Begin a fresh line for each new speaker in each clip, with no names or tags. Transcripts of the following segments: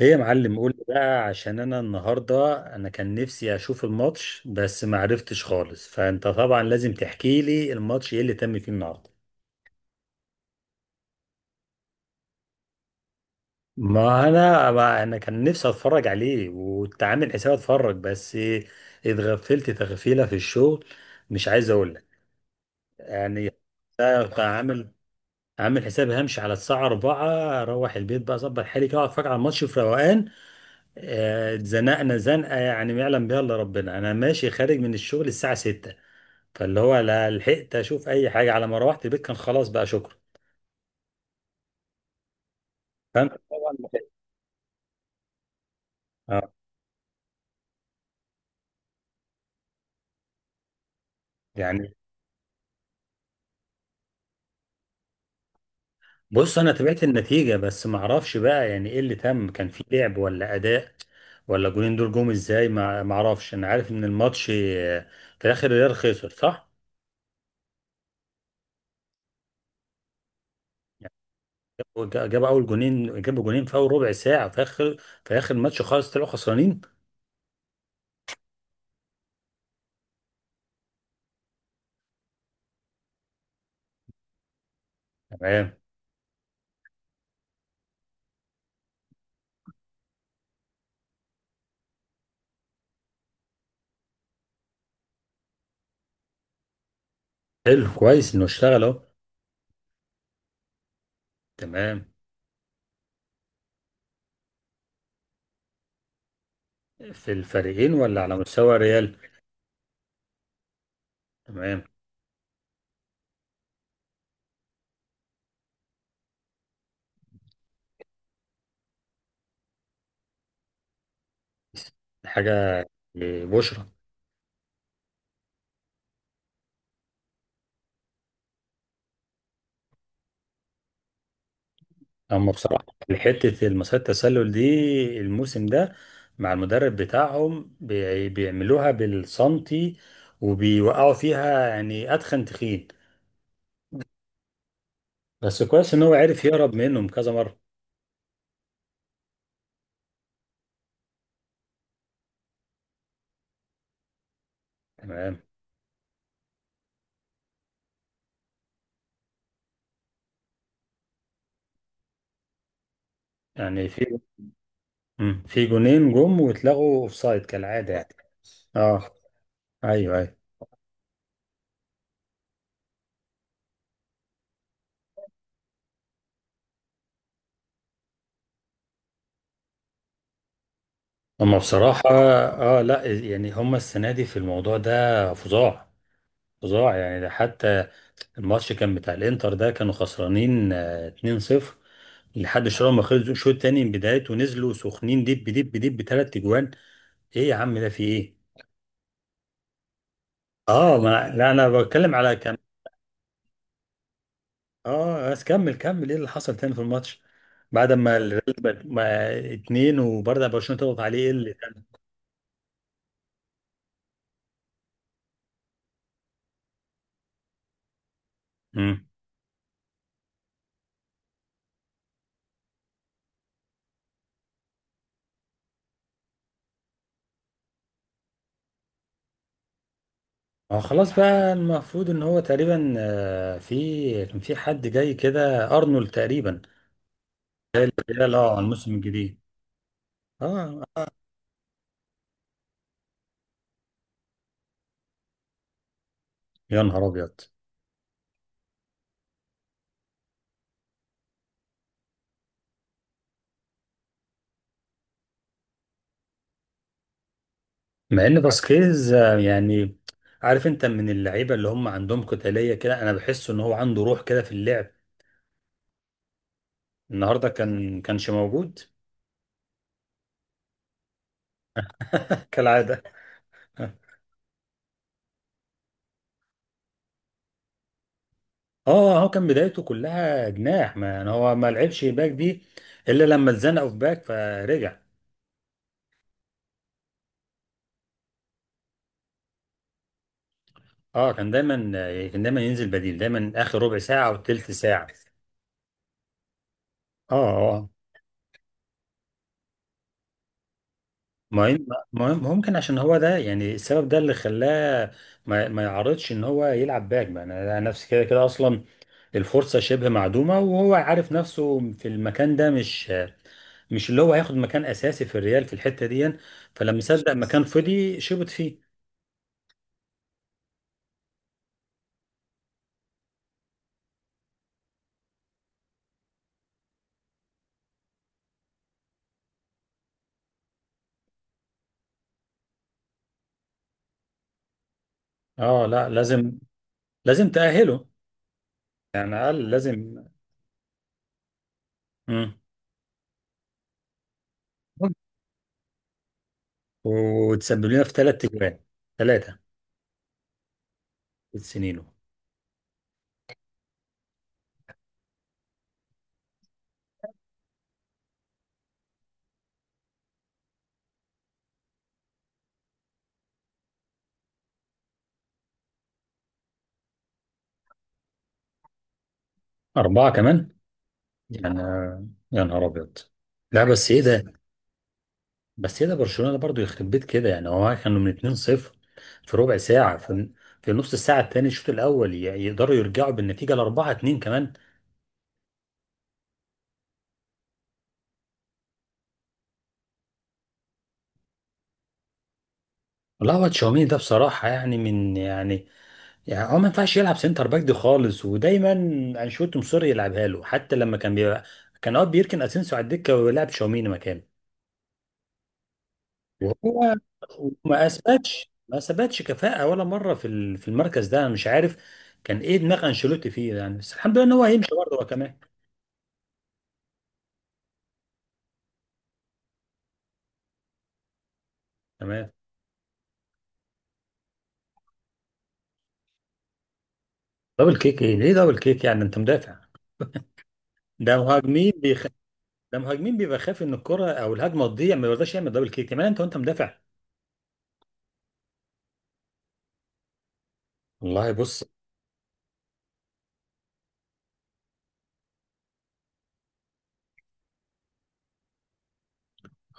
ايه يا معلم، قول لي بقى عشان انا النهارده انا كان نفسي اشوف الماتش بس ما عرفتش خالص. فانت طبعا لازم تحكي لي الماتش ايه اللي تم فيه النهارده. ما انا كان نفسي اتفرج عليه وكنت عامل حساب اتفرج بس. اتغفلت تغفيله في الشغل. مش عايز اقول لك يعني. أنا كنت عامل حسابي همشي على الساعه 4، اروح البيت بقى اظبط حالي كده وأقعد اتفرج على الماتش في روقان. اتزنقنا زنقه يعني ما يعلم بها الا ربنا. انا ماشي خارج من الشغل الساعه 6، فاللي هو لا لحقت اشوف اي حاجه، على ما روحت البيت كان خلاص بقى، شكرا. فانت طبعا لحقت. اه يعني، بص انا تابعت النتيجه بس ما اعرفش بقى يعني ايه اللي تم، كان في لعب ولا اداء ولا الجولين دول جم ازاي. ما اعرفش. انا عارف ان الماتش في الاخر الريال خسر، صح؟ يعني جاب اول جونين، جاب جونين في اول ربع ساعه، في اخر الماتش خالص طلعوا خسرانين. تمام. حلو، كويس انه اشتغل اهو. تمام. في الفريقين ولا على مستوى الريال؟ تمام. حاجة. بشرة. هم بصراحة حتة المسات التسلل دي الموسم ده مع المدرب بتاعهم بيعملوها بالسنتي، وبيوقعوا فيها يعني أتخن تخين. بس كويس إن هو عرف يهرب منهم كذا مرة. تمام. يعني في، في جونين جم واتلغوا أوفسايد كالعادة يعني. اه، ايوه ايوه. هم بصراحة، اه لا يعني هم السنة دي في الموضوع ده فظاع، فظاع يعني. ده حتى الماتش كان بتاع الانتر ده كانوا خسرانين 2-0 لحد شويه ما خلصوا الشوط التاني، من بدايته ونزلوا سخنين دب دب دب بثلاث اجوان. ايه يا عم ده في ايه؟ اه، ما أنا- لا انا بتكلم على كم. اه بس كمل كمل، ايه اللي حصل تاني في الماتش؟ بعد ما الريال ما اتنين وبرضه برشلونه تضغط عليه، ايه اللي كان؟ مم. اه خلاص بقى المفروض ان هو تقريبا كان في حد جاي كده، ارنولد تقريبا. لا لا، على الموسم الجديد. اه. يا نهار ابيض. مع ان فاسكيز يعني، عارف انت من اللعيبه اللي هم عندهم قتاليه كده، انا بحس ان هو عنده روح كده في اللعب. النهارده كانش موجود. كالعاده. اه. هو كان بدايته كلها جناح، ما يعني هو ما لعبش باك دي الا لما اتزنقوا في باك فرجع. اه، كان دايما ينزل بديل، دايما اخر ربع ساعه او تلت ساعه. اه، آه، آه. ما ممكن عشان هو ده يعني السبب ده اللي خلاه ما يعرضش ان هو يلعب باك بقى. انا أنا نفسي كده كده اصلا الفرصه شبه معدومه، وهو عارف نفسه في المكان ده مش اللي هو هياخد مكان اساسي في الريال في الحته دي. فلما صدق مكان فضي شبط فيه. اه لا، لازم تاهله. يعني على الاقل لازم. مم. وتسبب لنا في 3 تجوان. ثلاثه. سنينه. اربعه كمان. يعني يا نهار ابيض. لا بس ايه ده، بس هي ده برشلونه برضو يخرب بيت كده، يعني هو كانوا من 2-0 في ربع ساعه في نص الساعه الثانيه الشوط الاول يقدروا يرجعوا بالنتيجه ل 4-2 كمان. والله هو تشاوميني ده بصراحه يعني من يعني، يعني هو ما ينفعش يلعب سنتر باك دي خالص، ودايما انشيلوتي مصر يلعبها له. حتى لما كان بيبقى، كان اوقات بيركن اسينسيو على الدكه ويلعب تشاوميني مكانه، وهو ما اثبتش كفاءه ولا مره في في المركز ده. انا مش عارف كان ايه دماغ انشيلوتي فيه يعني، بس الحمد لله ان هو هيمشي برضه هو كمان. تمام. دبل كيك ايه، ليه دبل كيك؟ يعني انت مدافع. ده ده مهاجمين بيبقى خايف ان الكره او الهجمه تضيع ما بيرضاش يعمل دبل كيك، كمان انت وانت مدافع. والله بص،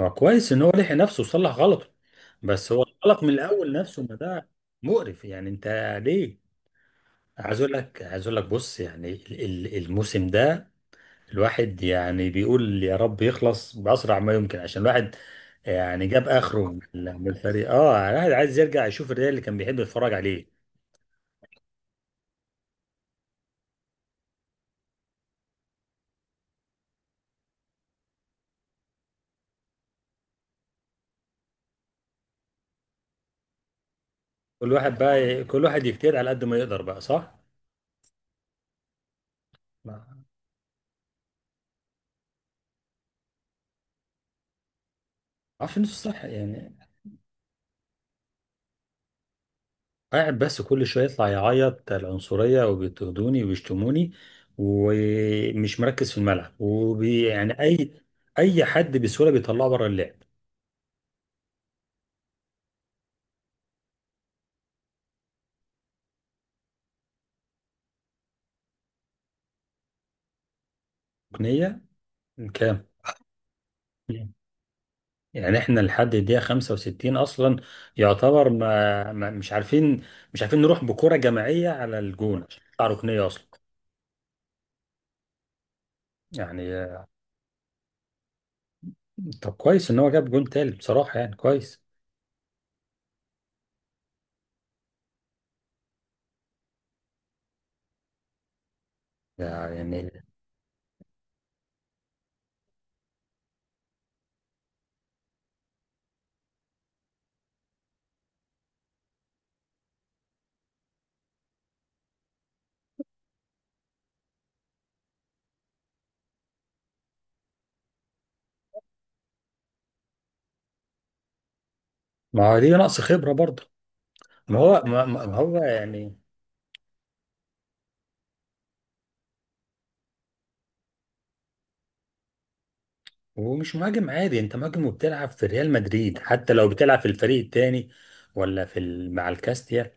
هو كويس ان هو لحق نفسه وصلح غلطه، بس هو الغلط من الاول نفسه ما ده مقرف يعني. انت ليه؟ عايز اقول لك، عايز اقول لك، بص يعني الموسم ده الواحد يعني بيقول يا رب يخلص باسرع ما يمكن، عشان الواحد يعني جاب اخره من من الفريق. اه، الواحد عايز يرجع يشوف الريال اللي كان بيحب يتفرج عليه. كل واحد بقى، كل واحد يجتهد على قد ما يقدر بقى، صح؟ ما اعرفش نفسه صح يعني، قاعد بس كل شويه يطلع يعيط العنصريه وبيضطهدوني وبيشتموني، ومش مركز في الملعب، وبي يعني اي، اي حد بسهوله بيطلعه بره اللعب. ركنيه كام؟ يعني احنا لحد الدقيقه 65 اصلا يعتبر، ما مش عارفين نروح بكره جماعيه على الجون عشان نطلع ركنيه اصلا. يعني طب كويس ان هو جاب جون تالت بصراحه يعني، كويس. ده يعني، ما هو دي نقص خبرة برضه. ما هو يعني، هو مش مهاجم عادي، انت مهاجم وبتلعب في ريال مدريد، حتى لو بتلعب في الفريق التاني ولا في ال... مع الكاستيا،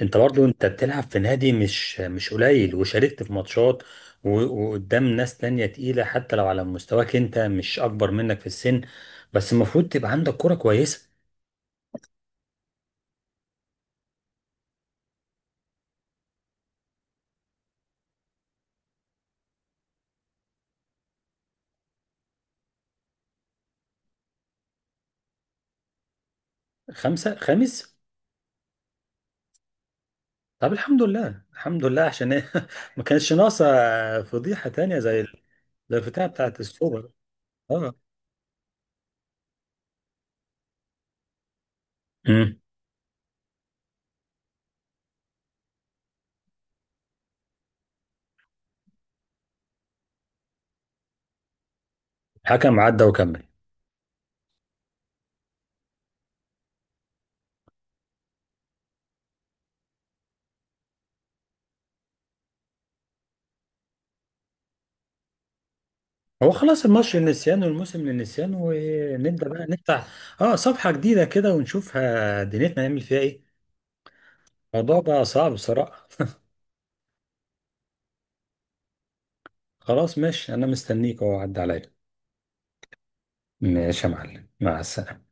انت برضه انت بتلعب في نادي مش قليل، وشاركت في ماتشات، و... وقدام ناس تانية تقيلة، حتى لو على مستواك انت مش اكبر منك في السن، بس المفروض تبقى عندك كرة كويسة. خمسة، خامس. طب الحمد لله، الحمد لله عشان ايه ما كانش ناقصه فضيحه تانية زي زي الفتاة بتاعت السوبر. اه. امم حكم عدى وكمل. هو خلاص الماتش للنسيان والموسم للنسيان، ونبدا بقى نفتح اه صفحه جديده كده ونشوفها دنيتنا نعمل فيها ايه. الموضوع بقى صعب بصراحه. خلاص ماشي، انا مستنيك اهو عدى عليا. ماشي يا معلم، مع السلامه.